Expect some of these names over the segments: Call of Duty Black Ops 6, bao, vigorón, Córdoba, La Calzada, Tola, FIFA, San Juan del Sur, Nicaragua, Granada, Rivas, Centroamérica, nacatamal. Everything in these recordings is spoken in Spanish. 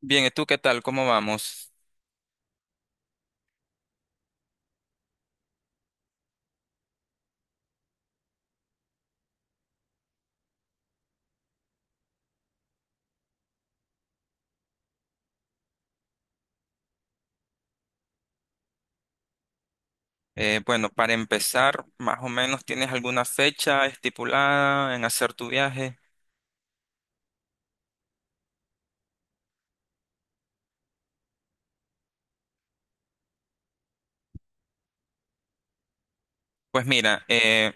Bien, ¿y tú qué tal? ¿Cómo vamos? Bueno, para empezar, más o menos, ¿tienes alguna fecha estipulada en hacer tu viaje? Pues mira, eh,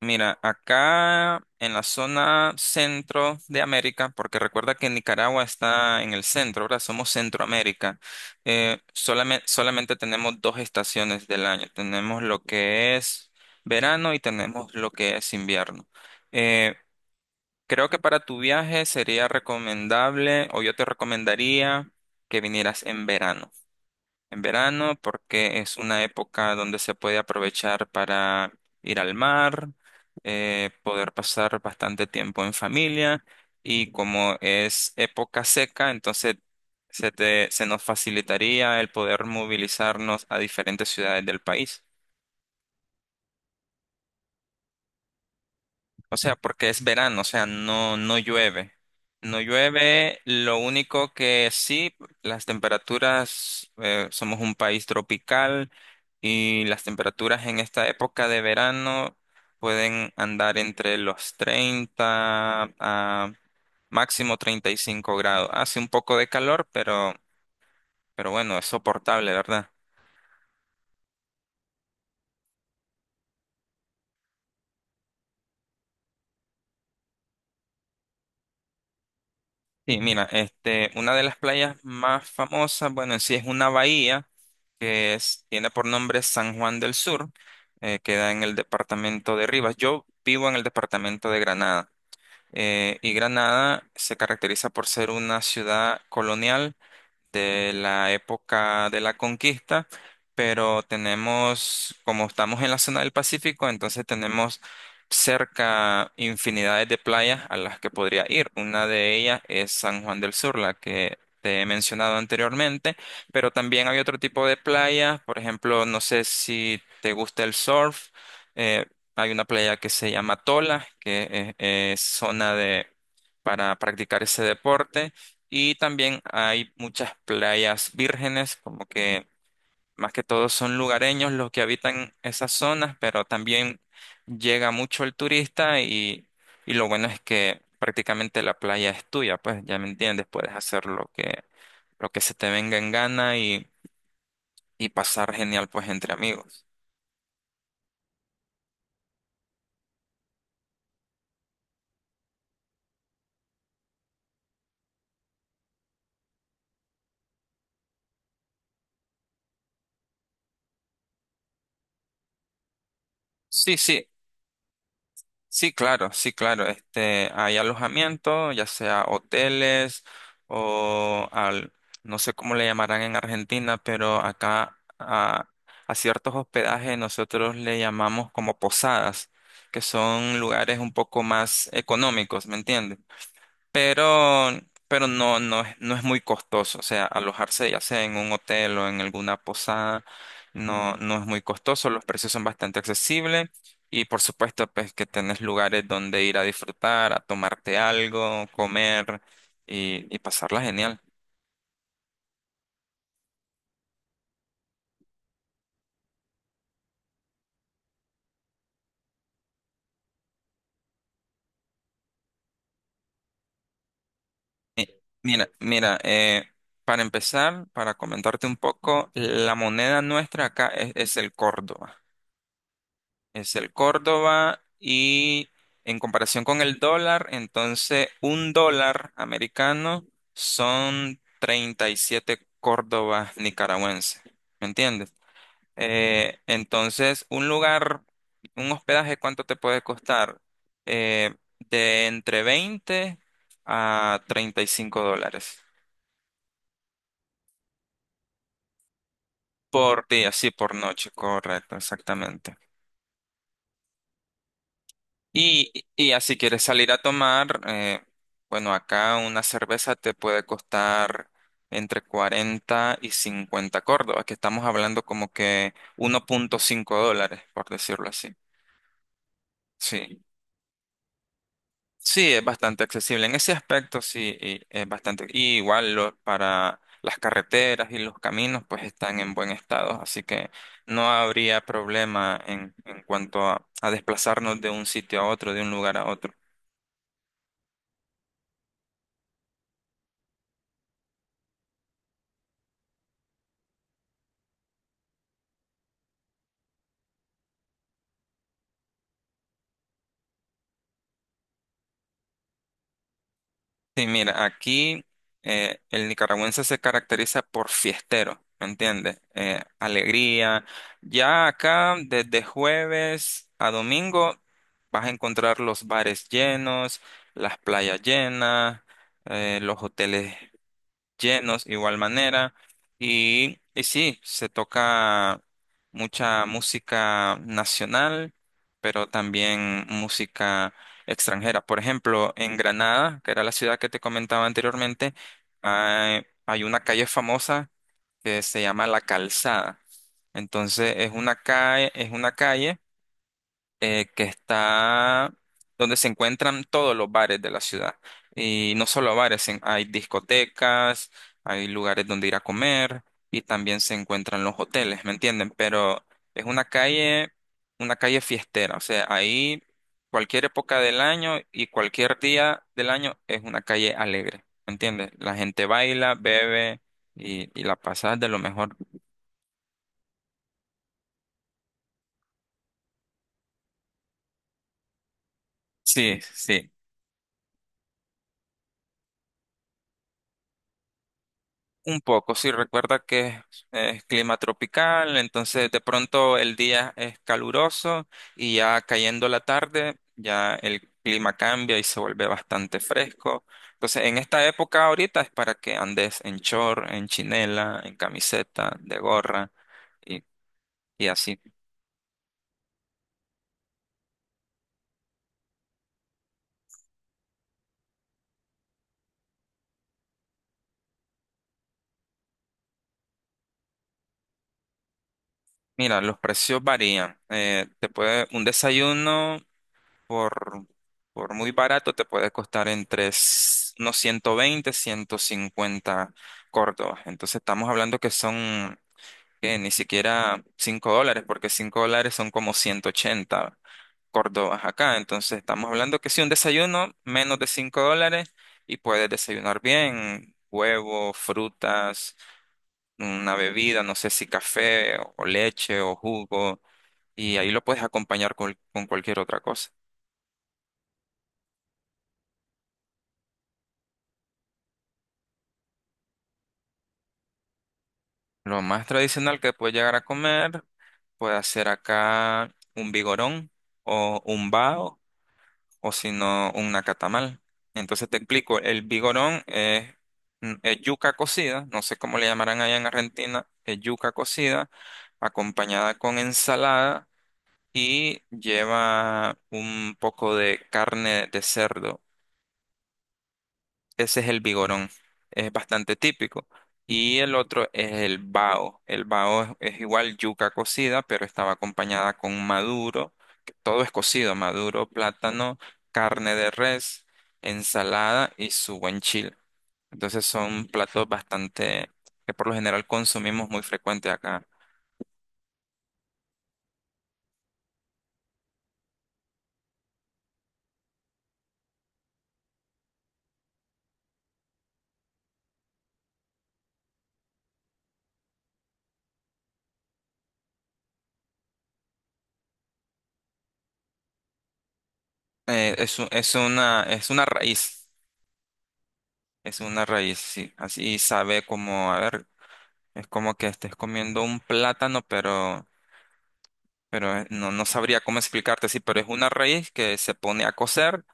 mira, acá en la zona centro de América, porque recuerda que Nicaragua está en el centro, ahora somos Centroamérica, solamente tenemos dos estaciones del año. Tenemos lo que es verano y tenemos lo que es invierno. Eh, Creo que para tu viaje sería recomendable, o yo te recomendaría que vinieras en verano. En verano, porque es una época donde se puede aprovechar para ir al mar, poder pasar bastante tiempo en familia, y como es época seca, entonces se nos facilitaría el poder movilizarnos a diferentes ciudades del país. O sea, porque es verano, o sea, no, no llueve. No llueve, lo único que sí, las temperaturas, somos un país tropical y las temperaturas en esta época de verano pueden andar entre los 30 a máximo 35 grados. Hace un poco de calor, pero bueno, es soportable, ¿verdad? Sí, mira, este, una de las playas más famosas, bueno, en sí es una bahía tiene por nombre San Juan del Sur, queda en el departamento de Rivas. Yo vivo en el departamento de Granada, y Granada se caracteriza por ser una ciudad colonial de la época de la conquista, pero tenemos, como estamos en la zona del Pacífico, entonces tenemos cerca infinidades de playas a las que podría ir. Una de ellas es San Juan del Sur, la que te he mencionado anteriormente, pero también hay otro tipo de playas, por ejemplo, no sé si te gusta el surf, eh, hay una playa que se llama Tola, que es zona de... para practicar ese deporte. Y también hay muchas playas vírgenes, como que más que todo son lugareños los que habitan esas zonas, pero también llega mucho el turista y lo bueno es que prácticamente la playa es tuya, pues ya me entiendes, puedes hacer lo que, se te venga en gana y pasar genial pues entre amigos. Sí, sí. Sí, claro, sí, claro. Este, hay alojamiento, ya sea hoteles o no sé cómo le llamarán en Argentina, pero acá a ciertos hospedajes nosotros le llamamos como posadas, que son lugares un poco más económicos, ¿me entiendes? pero, pero no, no, no es muy costoso. O sea, alojarse ya sea en un hotel o en alguna posada, no, no es muy costoso. Los precios son bastante accesibles. Y por supuesto, pues que tenés lugares donde ir a disfrutar, a tomarte algo, comer y pasarla genial. Mi- Mira, mira, eh, para empezar, para comentarte un poco, la moneda nuestra acá es el córdoba. Es el córdoba y en comparación con el dólar, entonces un dólar americano son 37 córdobas nicaragüenses, ¿me entiendes? Entonces, un lugar, un hospedaje, ¿cuánto te puede costar? Eh, de entre 20 a 35 dólares por día, sí, por noche, correcto, exactamente. Y así quieres salir a tomar, bueno, acá una cerveza te puede costar entre 40 y 50 córdobas, que estamos hablando como que 1,5 dólares, por decirlo así. Sí, sí, es bastante accesible en ese aspecto, sí, y es bastante. Y igual para las carreteras y los caminos, pues están en buen estado, así que no habría problema en cuanto a desplazarnos de un sitio a otro, de un lugar a otro. Sí, mira, aquí el nicaragüense se caracteriza por fiestero, ¿me entiendes? Alegría. Ya acá, desde jueves a domingo, vas a encontrar los bares llenos, las playas llenas, los hoteles llenos, igual manera. Y sí, se toca mucha música nacional, pero también música extranjera. Por ejemplo, en Granada, que era la ciudad que te comentaba anteriormente, hay una calle famosa que se llama La Calzada. Entonces, es una calle que está donde se encuentran todos los bares de la ciudad. Y no solo bares, hay discotecas, hay lugares donde ir a comer y también se encuentran los hoteles, ¿me entienden? Pero es una calle fiestera, o sea, ahí cualquier época del año y cualquier día del año es una calle alegre, ¿me entiendes? La gente baila, bebe y la pasa de lo mejor. Sí, sí. Un poco, sí, recuerda que es clima tropical, entonces de pronto el día es caluroso y ya cayendo la tarde, ya el clima cambia y se vuelve bastante fresco. Entonces en esta época ahorita es para que andes en short, en chinela, en camiseta, de gorra y, y así. Mira, los precios varían. Te puede un desayuno. por, por muy barato te puede costar entre unos 120, 150 córdobas. Entonces estamos hablando que son que ni siquiera 5 dólares, porque 5 dólares son como 180 córdobas acá. Entonces estamos hablando que si un desayuno menos de 5 dólares y puedes desayunar bien, huevo, frutas, una bebida, no sé si café o leche o jugo, y ahí lo puedes acompañar con cualquier otra cosa. Lo más tradicional que puedes llegar a comer puede ser acá un vigorón o un bao o si no un nacatamal. Entonces te explico, el vigorón es yuca cocida, no sé cómo le llamarán allá en Argentina, es yuca cocida acompañada con ensalada y lleva un poco de carne de cerdo. Ese es el vigorón, es bastante típico. Y el otro es el bao. El bao es igual yuca cocida, pero estaba acompañada con maduro, que todo es cocido, maduro, plátano, carne de res, ensalada y su buen chile. Entonces son platos bastante que por lo general consumimos muy frecuente acá. Es una raíz, es una raíz, sí. Así sabe como, a ver, es como que estés comiendo un plátano, pero no, no sabría cómo explicarte, sí, pero es una raíz que se pone a cocer,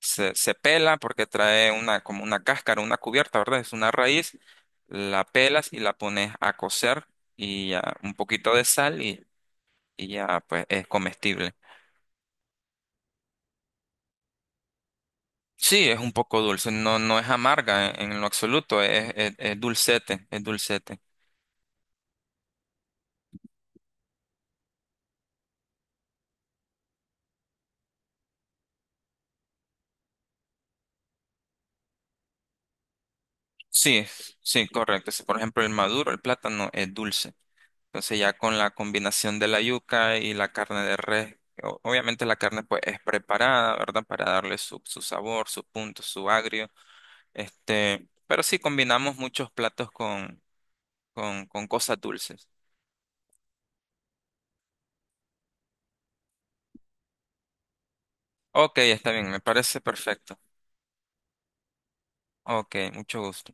se pela porque trae una, como una cáscara, una cubierta, ¿verdad? Es una raíz, la pelas y la pones a cocer y ya un poquito de sal y ya pues es comestible. Sí, es un poco dulce, no, no es amarga en lo absoluto, es dulcete, es dulcete. Sí, sí, correcto. Sí, por ejemplo, el maduro, el plátano es dulce. Entonces ya con la combinación de la yuca y la carne de res, obviamente la carne pues es preparada, ¿verdad? Para darle su, sabor, su punto, su agrio. Este, pero sí combinamos muchos platos con cosas dulces. Ok, está bien, me parece perfecto. Ok, mucho gusto.